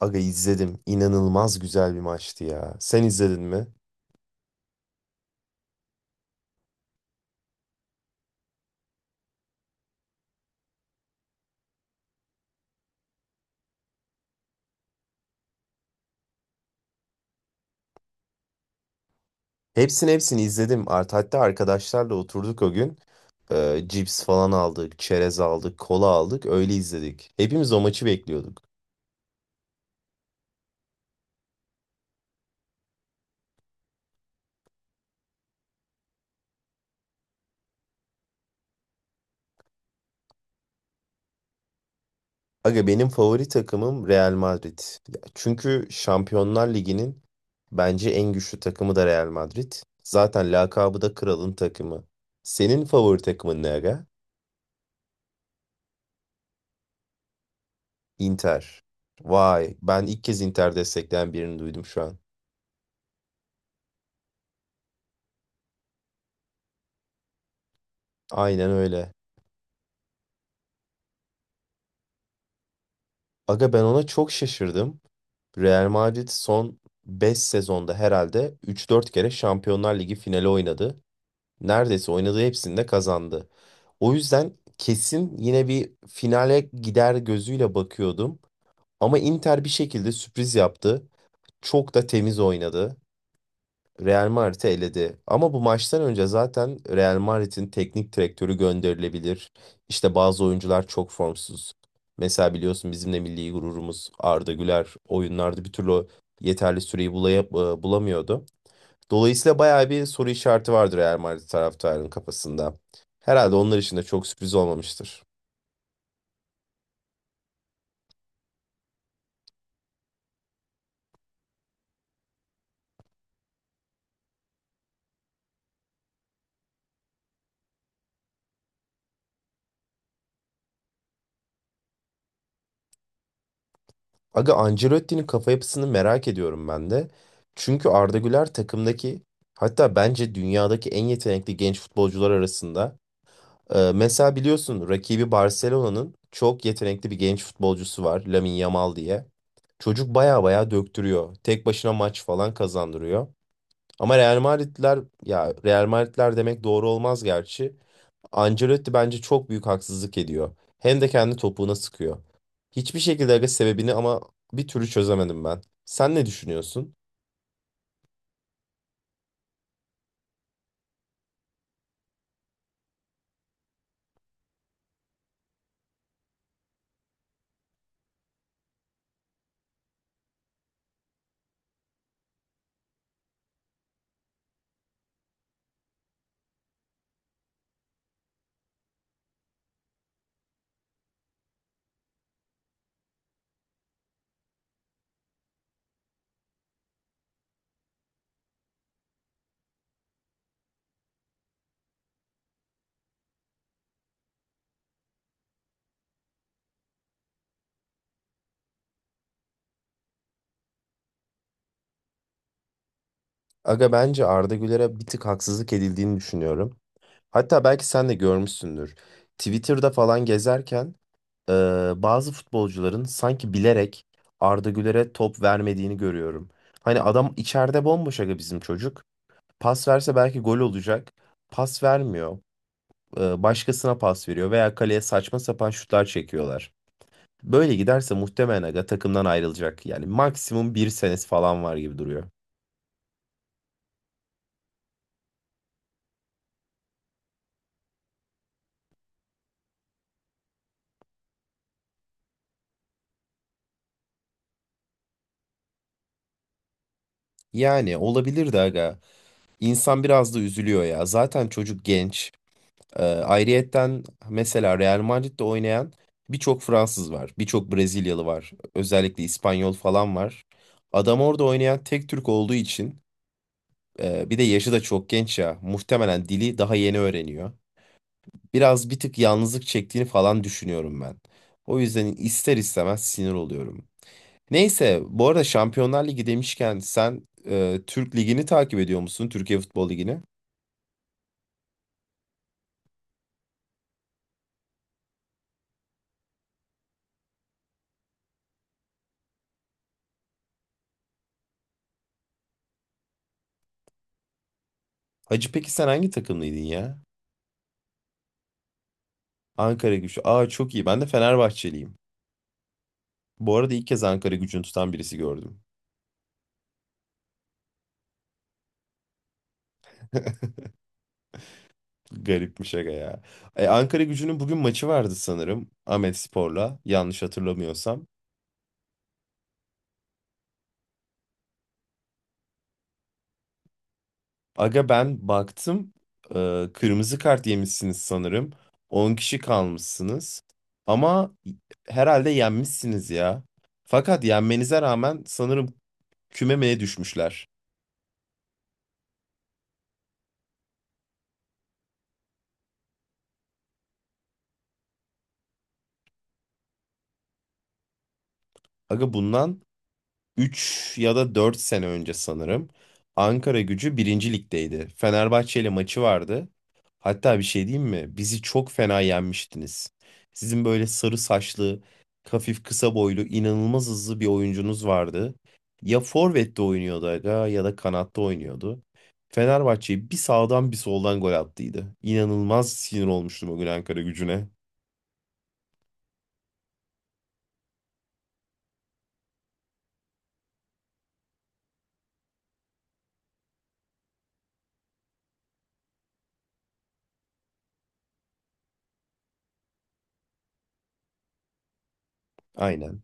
Aga izledim. İnanılmaz güzel bir maçtı ya. Sen izledin mi? Hepsini izledim. Hatta arkadaşlarla oturduk o gün. Cips falan aldık, çerez aldık, kola aldık. Öyle izledik. Hepimiz o maçı bekliyorduk. Aga benim favori takımım Real Madrid. Ya, çünkü Şampiyonlar Ligi'nin bence en güçlü takımı da Real Madrid. Zaten lakabı da kralın takımı. Senin favori takımın ne aga? Inter. Vay, ben ilk kez Inter destekleyen birini duydum şu an. Aynen öyle. Aga ben ona çok şaşırdım. Real Madrid son 5 sezonda herhalde üç dört kere Şampiyonlar Ligi finali oynadı. Neredeyse oynadığı hepsini de kazandı. O yüzden kesin yine bir finale gider gözüyle bakıyordum. Ama Inter bir şekilde sürpriz yaptı. Çok da temiz oynadı. Real Madrid'i eledi. Ama bu maçtan önce zaten Real Madrid'in teknik direktörü gönderilebilir. İşte bazı oyuncular çok formsuz. Mesela biliyorsun bizim de milli gururumuz Arda Güler oyunlarda bir türlü yeterli süreyi bulamıyordu. Dolayısıyla bayağı bir soru işareti vardır Real Madrid taraftarının kafasında. Herhalde onlar için de çok sürpriz olmamıştır. Aga Ancelotti'nin kafa yapısını merak ediyorum ben de. Çünkü Arda Güler takımdaki, hatta bence dünyadaki en yetenekli genç futbolcular arasında. Mesela biliyorsun rakibi Barcelona'nın çok yetenekli bir genç futbolcusu var, Lamine Yamal diye. Çocuk baya baya döktürüyor. Tek başına maç falan kazandırıyor. Ama Real Madridler, ya Real Madridler demek doğru olmaz gerçi. Ancelotti bence çok büyük haksızlık ediyor. Hem de kendi topuğuna sıkıyor. Hiçbir şekilde aga sebebini ama bir türlü çözemedim ben. Sen ne düşünüyorsun? Aga bence Arda Güler'e bir tık haksızlık edildiğini düşünüyorum. Hatta belki sen de görmüşsündür. Twitter'da falan gezerken bazı futbolcuların sanki bilerek Arda Güler'e top vermediğini görüyorum. Hani adam içeride bomboş aga bizim çocuk. Pas verse belki gol olacak. Pas vermiyor. Başkasına pas veriyor veya kaleye saçma sapan şutlar çekiyorlar. Böyle giderse muhtemelen aga takımdan ayrılacak. Yani maksimum bir senesi falan var gibi duruyor. Yani olabilir de aga. İnsan biraz da üzülüyor ya. Zaten çocuk genç. Ayrıyetten mesela Real Madrid'de oynayan birçok Fransız var, birçok Brezilyalı var, özellikle İspanyol falan var. Adam orada oynayan tek Türk olduğu için, bir de yaşı da çok genç ya, muhtemelen dili daha yeni öğreniyor. Biraz bir tık yalnızlık çektiğini falan düşünüyorum ben. O yüzden ister istemez sinir oluyorum. Neyse, bu arada Şampiyonlar Ligi demişken sen Türk Ligi'ni takip ediyor musun? Türkiye Futbol Ligi'ni. Hacı peki sen hangi takımlıydın ya? Ankara gücü. Aa, çok iyi. Ben de Fenerbahçeliyim. Bu arada ilk kez Ankara gücünü tutan birisi gördüm. Garip bir şaka ya. Ankara gücünün bugün maçı vardı sanırım. Spor'la, yanlış hatırlamıyorsam. Aga ben baktım. Kırmızı kart yemişsiniz sanırım. 10 kişi kalmışsınız. Ama herhalde yenmişsiniz ya. Fakat yenmenize rağmen sanırım kümemeye düşmüşler. Aga bundan üç ya da 4 sene önce sanırım Ankara Gücü birinci Lig'deydi. Fenerbahçe ile maçı vardı. Hatta bir şey diyeyim mi? Bizi çok fena yenmiştiniz. Sizin böyle sarı saçlı, hafif kısa boylu, inanılmaz hızlı bir oyuncunuz vardı. Ya forvette oynuyordu aga ya da kanatta oynuyordu. Fenerbahçe'yi bir sağdan bir soldan gol attıydı. İnanılmaz sinir olmuştum o gün Ankara Gücü'ne. Aynen.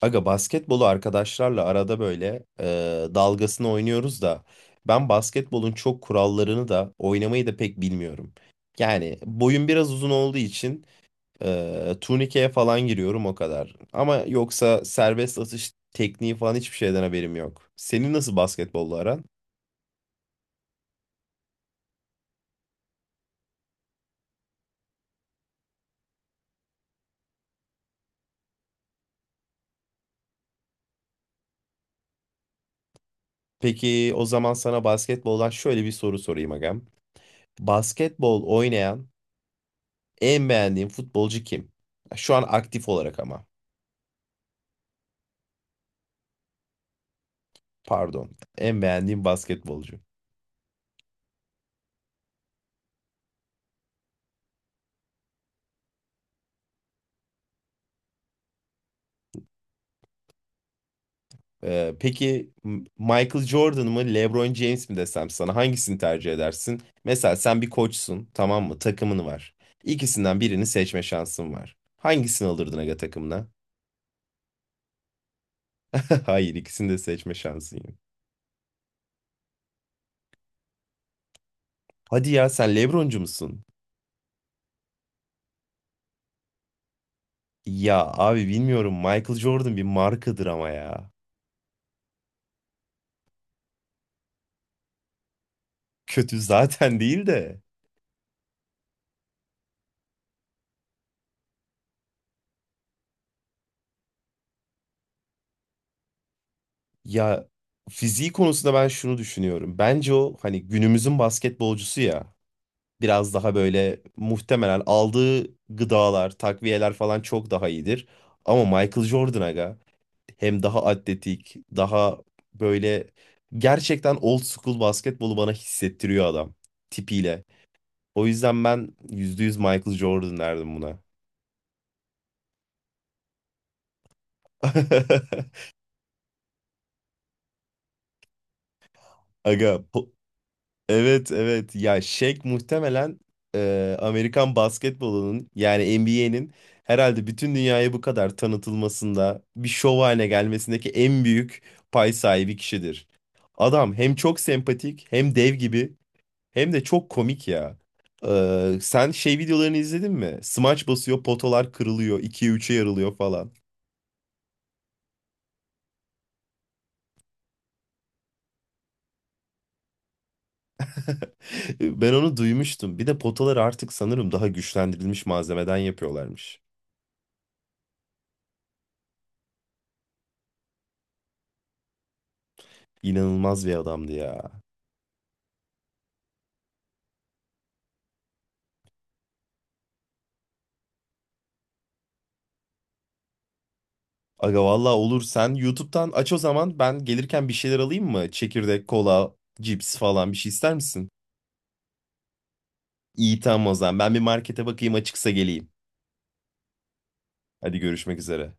Aga basketbolu arkadaşlarla arada böyle dalgasını oynuyoruz da ben basketbolun çok kurallarını da oynamayı da pek bilmiyorum. Yani boyum biraz uzun olduğu için turnikeye falan giriyorum o kadar. Ama yoksa serbest atış tekniği falan hiçbir şeyden haberim yok. Senin nasıl basketbolla aran? Peki o zaman sana basketboldan şöyle bir soru sorayım agam. Basketbol oynayan en beğendiğin futbolcu kim? Şu an aktif olarak ama. Pardon. En beğendiğim basketbolcu. Peki, Michael Jordan mı LeBron James mi desem sana, hangisini tercih edersin? Mesela sen bir koçsun, tamam mı? Takımın var. İkisinden birini seçme şansın var. Hangisini alırdın aga takımına? Hayır, ikisini de seçme şansın yok. Hadi ya, sen LeBroncu musun? Ya abi bilmiyorum, Michael Jordan bir markadır ama ya. Kötü zaten değil de. Ya, fiziği konusunda ben şunu düşünüyorum. Bence o hani günümüzün basketbolcusu ya. Biraz daha böyle muhtemelen aldığı gıdalar, takviyeler falan çok daha iyidir. Ama Michael Jordan aga hem daha atletik, daha böyle gerçekten old school basketbolu bana hissettiriyor adam tipiyle. O yüzden ben %100 Michael Jordan derdim buna. Aga po- Evet, evet ya, Shaq muhtemelen Amerikan basketbolunun yani NBA'nin herhalde bütün dünyaya bu kadar tanıtılmasında bir şov haline gelmesindeki en büyük pay sahibi kişidir. Adam hem çok sempatik hem dev gibi hem de çok komik ya. E, sen şey videolarını izledin mi? Smaç basıyor, potalar kırılıyor, 2'ye üç'e yarılıyor falan. Ben onu duymuştum. Bir de potaları artık sanırım daha güçlendirilmiş malzemeden yapıyorlarmış. İnanılmaz bir adamdı ya. Aga valla olur. Sen YouTube'dan aç o zaman. Ben gelirken bir şeyler alayım mı? Çekirdek, kola, cips falan, bir şey ister misin? İyi, tamam o zaman. Ben bir markete bakayım, açıksa geleyim. Hadi, görüşmek üzere.